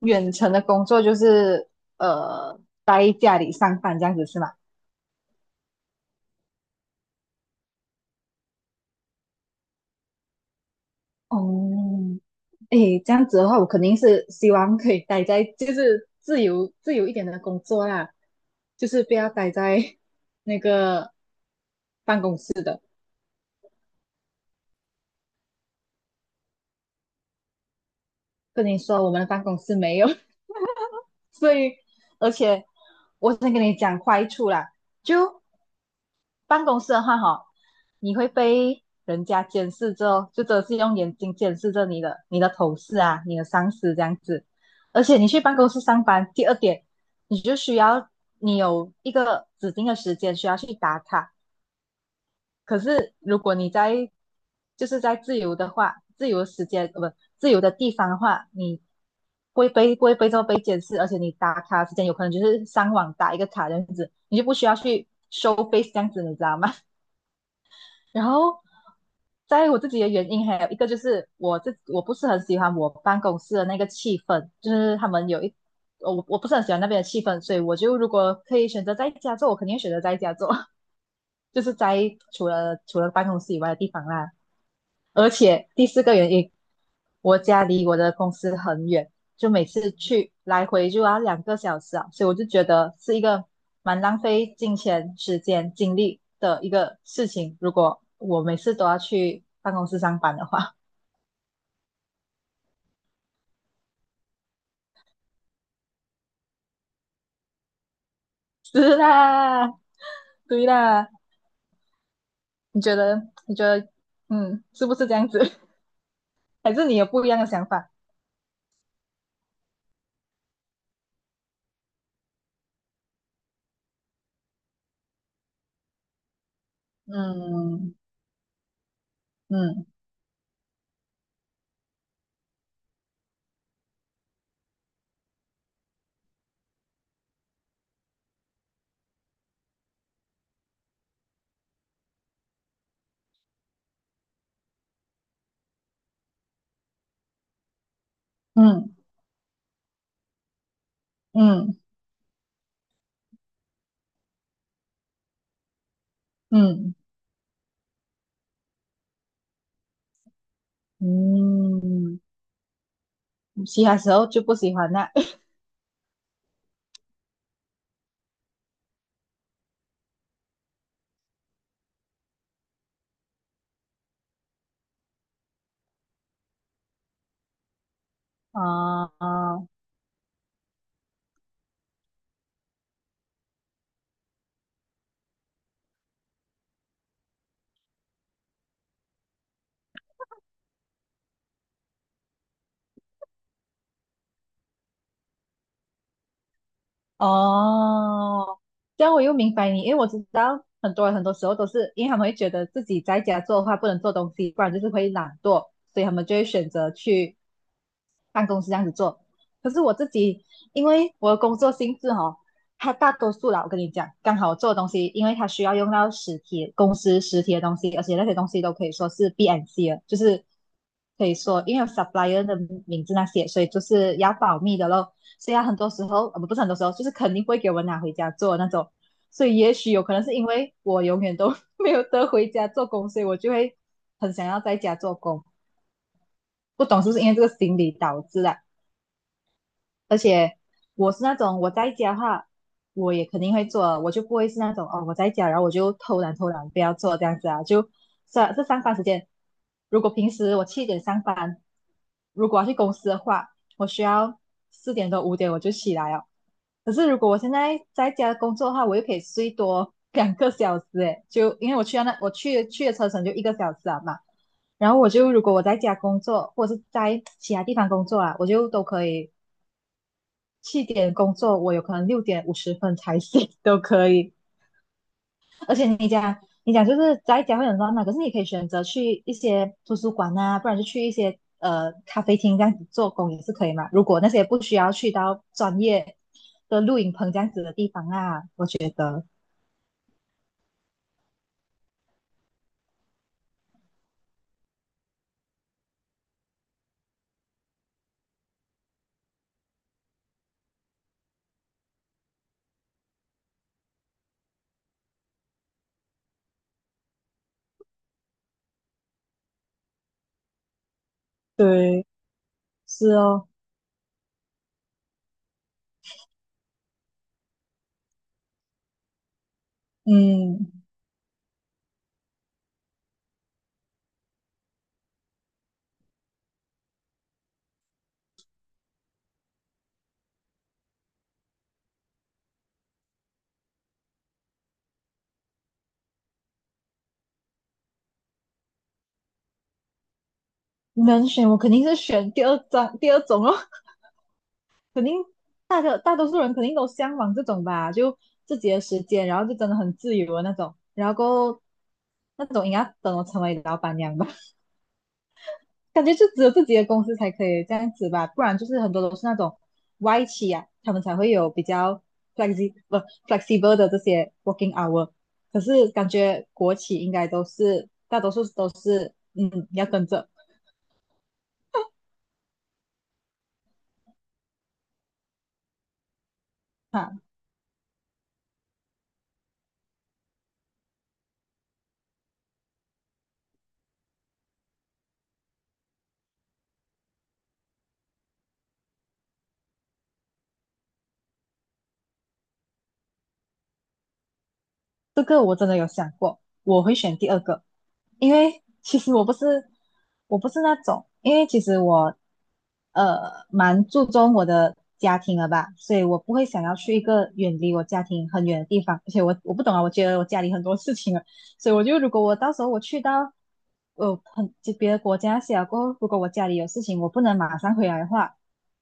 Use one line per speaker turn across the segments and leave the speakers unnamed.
远程的工作就是呃待家里上班这样子是吗？哦，诶，这样子的话，我肯定是希望可以待在就是自由一点的工作啦，就是不要待在那个跟你说我们的办公室没有，所以而且我先跟你讲坏处啦，就办公室的话哈，你会被人家监视着，后，就真的是用眼睛监视着你的同事啊，你的上司这样子。而且你去办公室上班，第2点，你就需要你有一个指定的时间需要去打卡。可是如果你在就是在自由的话，自由的时间不自由的地方的话，你不会被这么被监视，而且你打卡时间有可能就是上网打一个卡这样子，你就不需要去收 face 这样子，你知道吗？然后在我自己的原因，还有一个就是我不是很喜欢我办公室的那个气氛，就是他们有一我不是很喜欢那边的气氛，所以我就如果可以选择在家做，我肯定选择在家做，就是在除了办公室以外的地方啦。而且第4个原因，我家离我的公司很远，就每次去来回就要两个小时啊，所以我就觉得是一个蛮浪费金钱、时间、精力的一个事情。如果我每次都要去办公室上班的话，是啦，对啦，你觉得？你觉得，嗯，是不是这样子？还是你有不一样的想法？嗯嗯嗯嗯嗯嗯，其他时候就不喜欢那啊 啊哦，这样我又明白你，因为我知道很多人很多时候都是因为他们会觉得自己在家做的话不能做东西，不然就是会懒惰，所以他们就会选择去办公室这样子做。可是我自己，因为我的工作性质哦，它大多数啦，我跟你讲，刚好我做的东西，因为它需要用到实体公司实体的东西，而且那些东西都可以说是 B a n C 的，就是可以说因为有 supplier 的名字那些，所以就是要保密的咯。所以它很多时候，不是很多时候，就是肯定不会给我拿回家做那种。所以也许有可能是因为我永远都 没有得回家做工，所以我就会很想要在家做工。不懂是不是因为这个心理导致的？而且我是那种我在家的话，我也肯定会做的，我就不会是那种哦我在家，然后我就偷懒不要做这样子啊。就是啊这上班时间，如果平时我七点上班，如果要去公司的话，我需要4点多5点我就起来哦。可是如果我现在在家工作的话，我又可以睡多 两个小时诶，就因为我去的车程就1个小时啊嘛。然后我就如果我在家工作，或者是在其他地方工作啊，我就都可以七点工作，我有可能6点50分才 醒都可以。而且你讲就是在家会很乱嘛，可是你可以选择去一些图书馆啊，不然就去一些咖啡厅这样子做工也是可以嘛。如果那些不需要去到专业的录影棚这样子的地方啊，我觉得对，是哦，嗯，能选我肯定是选第二种哦。肯定大多数人肯定都向往这种吧，就自己的时间，然后就真的很自由的那种，然后够那种应该等我成为老板娘吧，感觉就只有自己的公司才可以这样子吧，不然就是很多都是那种外企啊，他们才会有比较 flexi b l 不 flexible 的这些 working hour,可是感觉国企应该都是大多数都是嗯要跟着。哈。这个我真的有想过，我会选第2个，因为其实我不是我不是那种，因为其实我呃蛮注重我的家庭了吧，所以我不会想要去一个远离我家庭很远的地方，而且我不懂啊，我觉得我家里很多事情啊，所以我就如果我到时候我去到呃很别的国家写了过后，如果我家里有事情我不能马上回来的话，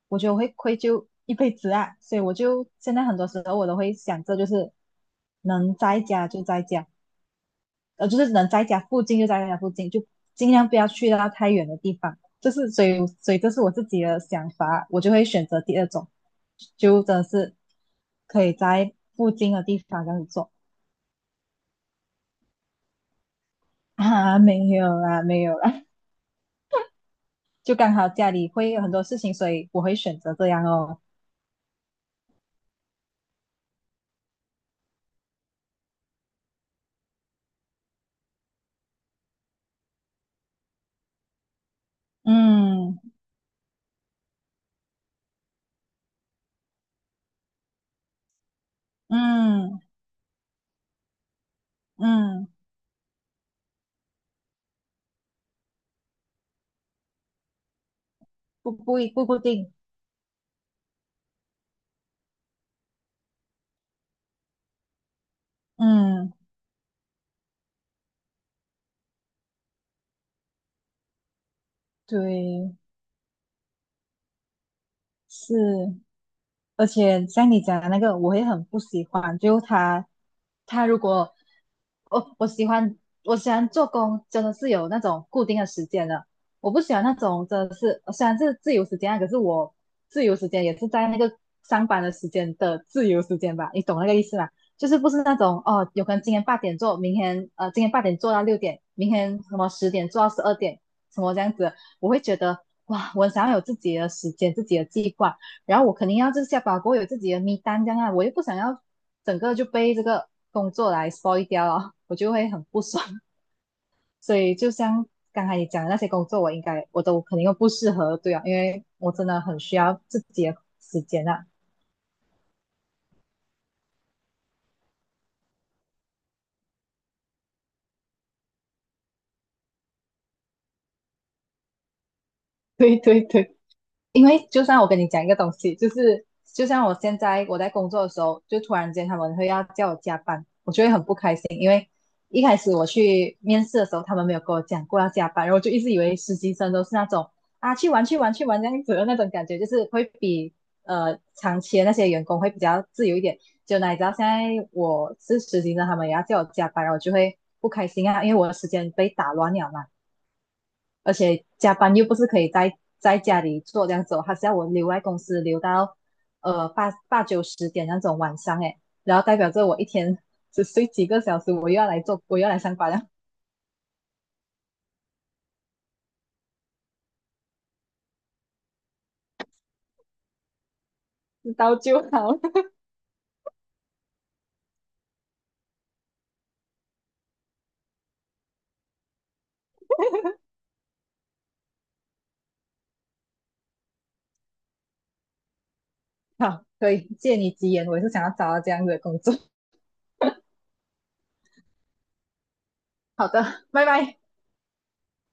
我觉得我会愧疚一辈子啊，所以我就现在很多时候我都会想着，就是能在家就在家，就是能在家附近就在家附近，就尽量不要去到太远的地方。这是所以，所以这是我自己的想法，我就会选择第二种，就真的是可以在附近的地方这样子做啊，没有啦，没有啦，就刚好家里会有很多事情，所以我会选择这样哦。嗯嗯嗯，不固定。嗯，对，是，而且像你讲的那个，我也很不喜欢，就他他如果我喜欢做工，真的是有那种固定的时间的。我不喜欢那种真的是虽然是自由时间啊，可是自由时间也是在那个上班的时间的自由时间吧，你懂那个意思吗？就是不是那种哦，有可能今天八点做，今天8点做到6点，明天什么10点做到12点，什么这样子，我会觉得哇，我想要有自己的时间，自己的计划。然后我肯定要就是下班过后有自己的 m 单这样啊，我又不想要整个就被这个工作来 spoil 掉了，我就会很不爽。所以就像刚才你讲的那些工作，我应该我都肯定不适合，对啊，因为我真的很需要自己的时间啊。对对对，因为就算我跟你讲一个东西，就像我现在我在工作的时候，就突然间他们会要叫我加班，我就会很不开心，因为一开始我去面试的时候，他们没有跟我讲过要加班，然后我就一直以为实习生都是那种啊去玩去玩去玩这样子的那种感觉，就是会比长期的那些员工会比较自由一点。就哪里知道现在我是实习生，他们也要叫我加班，然后我就会不开心啊，因为我的时间被打乱了嘛。而且加班又不是可以在家里做这样子哦，还是要我留在公司留到8、9、10点那种晚上诶，然后代表着我一天只睡几个小时，我又要来做，我又要来上班了，知道就好。好，所以借你吉言，我也是想要找到这样子的工作。好的，拜拜。